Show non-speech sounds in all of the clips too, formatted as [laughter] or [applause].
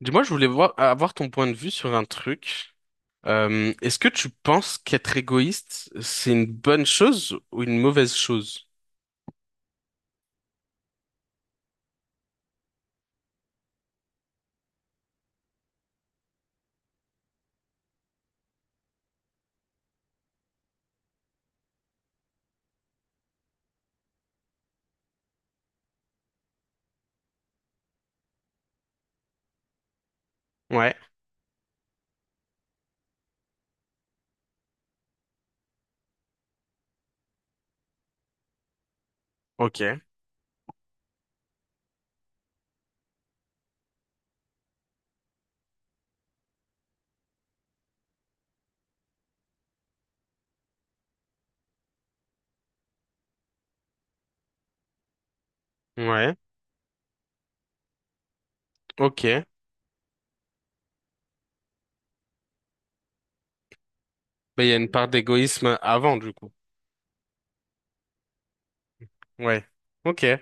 Dis-moi, je voulais voir, avoir ton point de vue sur un truc. Est-ce que tu penses qu'être égoïste, c'est une bonne chose ou une mauvaise chose? Ouais, ok, ouais, ok. Mais il y a une part d'égoïsme avant, du coup. Ouais, ok. Euh,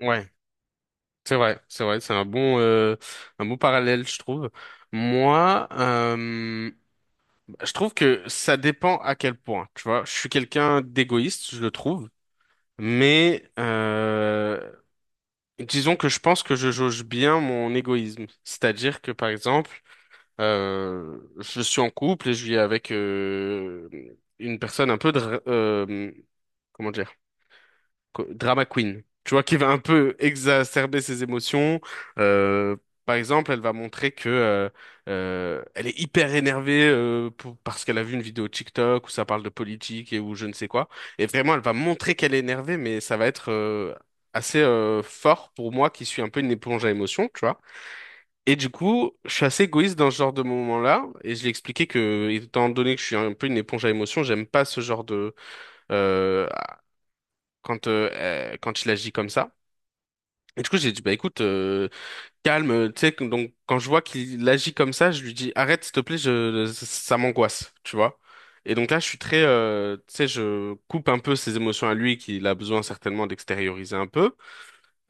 ouais, c'est vrai, c'est vrai, c'est un bon, un bon parallèle, je trouve. Moi, je trouve que ça dépend à quel point, tu vois. Je suis quelqu'un d'égoïste, je le trouve, mais disons que je pense que je jauge bien mon égoïsme. C'est-à-dire que, par exemple, je suis en couple et je vis avec une personne un peu... comment dire? Drama queen. Tu vois, qui va un peu exacerber ses émotions. Euh, par exemple, elle va montrer que elle est hyper énervée parce qu'elle a vu une vidéo TikTok où ça parle de politique et où je ne sais quoi. Et vraiment, elle va montrer qu'elle est énervée, mais ça va être assez fort pour moi qui suis un peu une éponge à émotions, tu vois. Et du coup, je suis assez égoïste dans ce genre de moment-là. Et je lui ai expliqué que, étant donné que je suis un peu une éponge à émotions, j'aime pas ce genre de euh, quand quand il agit comme ça. Et du coup, j'ai dit, bah écoute, calme, tu sais, donc quand je vois qu'il agit comme ça, je lui dis, arrête, s'il te plaît, je, ça m'angoisse, tu vois. Et donc là, je suis très, tu sais, je coupe un peu ses émotions à lui, qu'il a besoin certainement d'extérioriser un peu.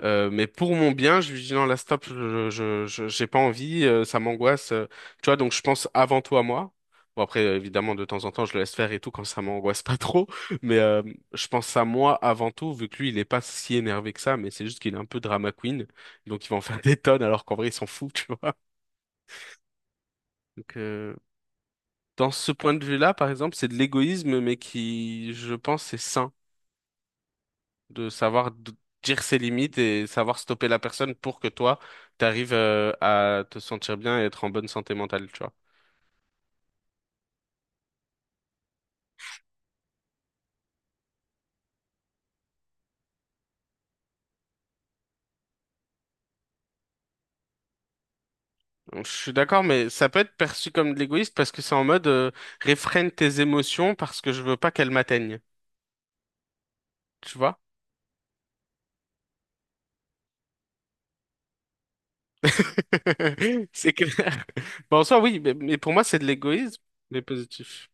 Mais pour mon bien, je lui dis non, là, stop, j'ai pas envie, ça m'angoisse. Tu vois, donc je pense avant tout à moi. Bon, après, évidemment, de temps en temps, je le laisse faire et tout quand ça m'angoisse pas trop. Mais je pense à moi avant tout, vu que lui, il est pas si énervé que ça, mais c'est juste qu'il est un peu drama queen. Donc, il va en faire des tonnes, alors qu'en vrai, il s'en fout, [laughs] tu vois. Donc, dans ce point de vue-là, par exemple, c'est de l'égoïsme, mais qui, je pense, c'est sain. De savoir dire ses limites et savoir stopper la personne pour que toi, t'arrives à te sentir bien et être en bonne santé mentale, tu vois. Donc, je suis d'accord, mais ça peut être perçu comme de l'égoïsme parce que c'est en mode réfrène tes émotions parce que je veux pas qu'elles m'atteignent, tu vois? [laughs] C'est clair. Bon, en soi, oui, mais pour moi, c'est de l'égoïsme, mais positif.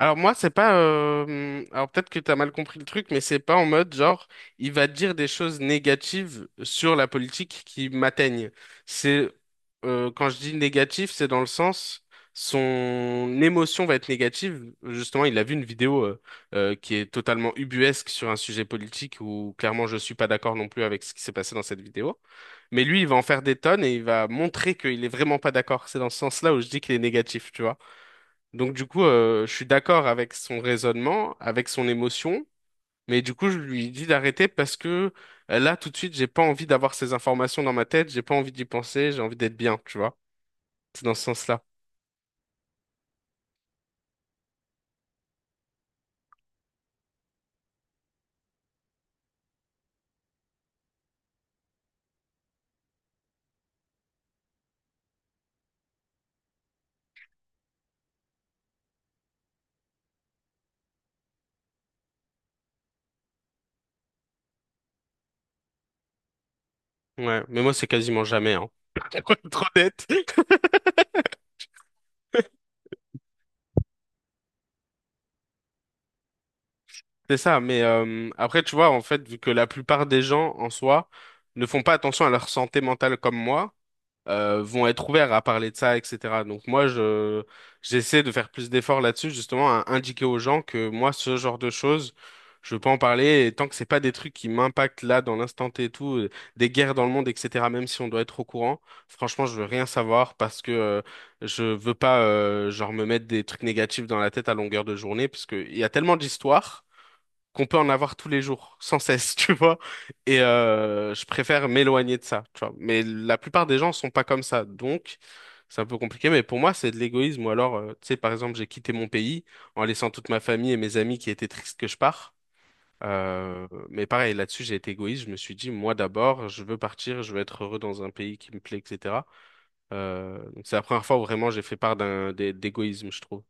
Alors moi, c'est pas... alors peut-être que t'as mal compris le truc, mais c'est pas en mode genre, il va dire des choses négatives sur la politique qui m'atteignent. C'est... quand je dis négatif, c'est dans le sens... Son émotion va être négative. Justement, il a vu une vidéo qui est totalement ubuesque sur un sujet politique où clairement je suis pas d'accord non plus avec ce qui s'est passé dans cette vidéo. Mais lui, il va en faire des tonnes et il va montrer qu'il est vraiment pas d'accord. C'est dans ce sens-là où je dis qu'il est négatif, tu vois. Donc du coup, je suis d'accord avec son raisonnement, avec son émotion, mais du coup, je lui dis d'arrêter parce que là, tout de suite, j'ai pas envie d'avoir ces informations dans ma tête, j'ai pas envie d'y penser, j'ai envie d'être bien, tu vois. C'est dans ce sens-là. Ouais, mais moi, c'est quasiment jamais, hein. [laughs] Pour être honnête. [laughs] C'est ça, mais après, tu vois, en fait, vu que la plupart des gens, en soi, ne font pas attention à leur santé mentale comme moi, vont être ouverts à parler de ça, etc. Donc moi, je j'essaie de faire plus d'efforts là-dessus, justement, à indiquer aux gens que moi, ce genre de choses, je peux en parler, et tant que c'est pas des trucs qui m'impactent là, dans l'instant T et tout, des guerres dans le monde, etc., même si on doit être au courant, franchement, je veux rien savoir parce que je veux pas, genre, me mettre des trucs négatifs dans la tête à longueur de journée, parce qu'il y a tellement d'histoires qu'on peut en avoir tous les jours, sans cesse, [laughs] tu vois. Et je préfère m'éloigner de ça, tu vois. Mais la plupart des gens sont pas comme ça, donc c'est un peu compliqué. Mais pour moi, c'est de l'égoïsme. Ou alors, tu sais, par exemple, j'ai quitté mon pays en laissant toute ma famille et mes amis qui étaient tristes que je pars. Mais pareil, là-dessus, j'ai été égoïste. Je me suis dit, moi d'abord, je veux partir, je veux être heureux dans un pays qui me plaît, etc. Donc c'est la première fois où vraiment j'ai fait part d'égoïsme, je trouve.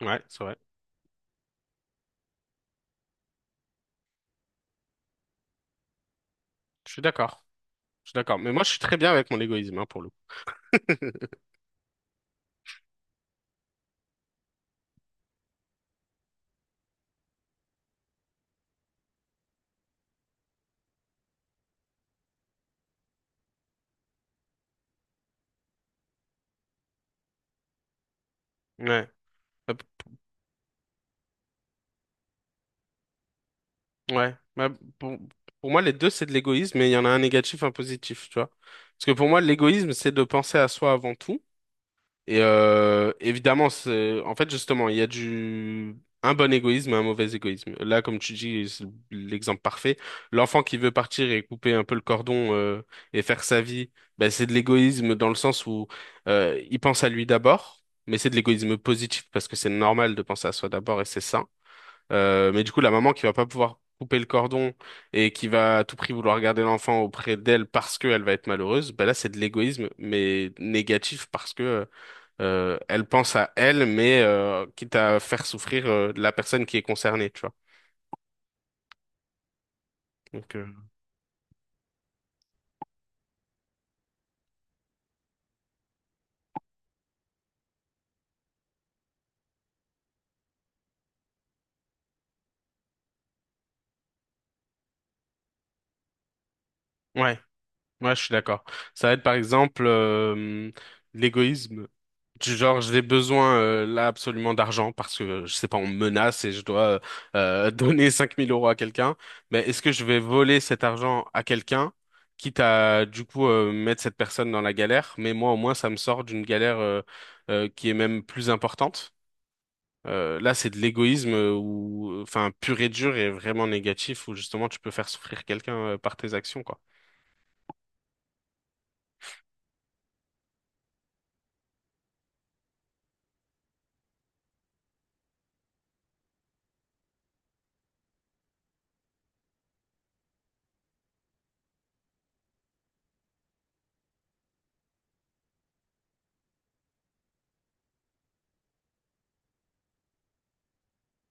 Ouais, c'est vrai. Je suis d'accord. Je suis d'accord. Mais moi, je suis très bien avec mon égoïsme, hein, pour le coup. [laughs] Ouais. Euh, ouais. Bah, pour, pour moi, les deux, c'est de l'égoïsme, mais il y en a un négatif, un positif, tu vois. Parce que pour moi, l'égoïsme, c'est de penser à soi avant tout. Et évidemment, c'est, en fait, justement, il y a du un bon égoïsme et un mauvais égoïsme. Là, comme tu dis, c'est l'exemple parfait. L'enfant qui veut partir et couper un peu le cordon et faire sa vie, ben c'est de l'égoïsme dans le sens où il pense à lui d'abord, mais c'est de l'égoïsme positif parce que c'est normal de penser à soi d'abord et c'est sain. Mais du coup, la maman qui va pas pouvoir couper le cordon et qui va à tout prix vouloir garder l'enfant auprès d'elle parce qu'elle va être malheureuse, ben là, c'est de l'égoïsme, mais négatif parce que elle pense à elle, mais quitte à faire souffrir la personne qui est concernée, tu vois. Donc, ouais, ouais, je suis d'accord. Ça va être par exemple l'égoïsme. Du genre, j'ai besoin là absolument d'argent parce que, je sais pas, on me menace et je dois [laughs] donner 5 000 euros à quelqu'un. Mais est-ce que je vais voler cet argent à quelqu'un, quitte à du coup mettre cette personne dans la galère, mais moi au moins ça me sort d'une galère qui est même plus importante. Là, c'est de l'égoïsme ou enfin pur et dur et vraiment négatif où justement tu peux faire souffrir quelqu'un par tes actions, quoi.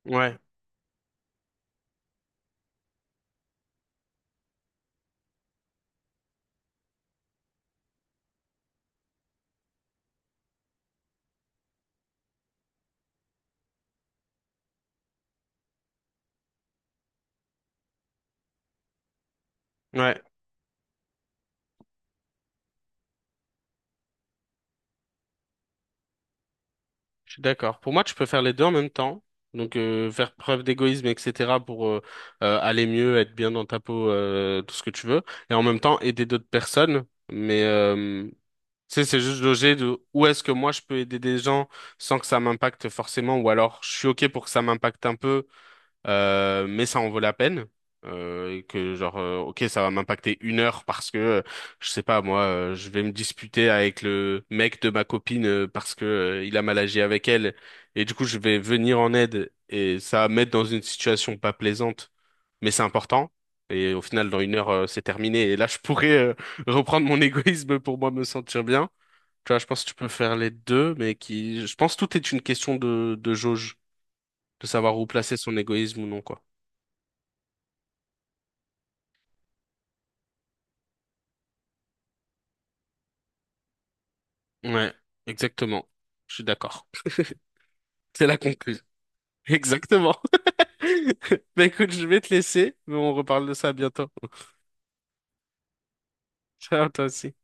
Ouais, ouais. Je suis d'accord. Pour moi, tu peux faire les deux en même temps. Donc, faire preuve d'égoïsme, etc., pour aller mieux, être bien dans ta peau, tout ce que tu veux. Et en même temps, aider d'autres personnes. Mais, tu sais, c'est juste loger de où est-ce que moi, je peux aider des gens sans que ça m'impacte forcément. Ou alors, je suis OK pour que ça m'impacte un peu, mais ça en vaut la peine. Et que genre, ok, ça va m'impacter 1 heure parce que, je sais pas, moi, je vais me disputer avec le mec de ma copine parce que, il a mal agi avec elle. Et du coup, je vais venir en aide et ça va me mettre dans une situation pas plaisante, mais c'est important. Et au final, dans 1 heure, c'est terminé. Et là, je pourrais, [laughs] reprendre mon égoïsme pour moi me sentir bien. Tu vois, je pense que tu peux faire les deux, mais qui, je pense que tout est une question de jauge, de savoir où placer son égoïsme ou non, quoi. Ouais, exactement. Je suis d'accord. C'est la conclusion. Exactement. [laughs] Bah écoute, je vais te laisser, mais on reparle de ça bientôt. [laughs] Ciao, toi aussi.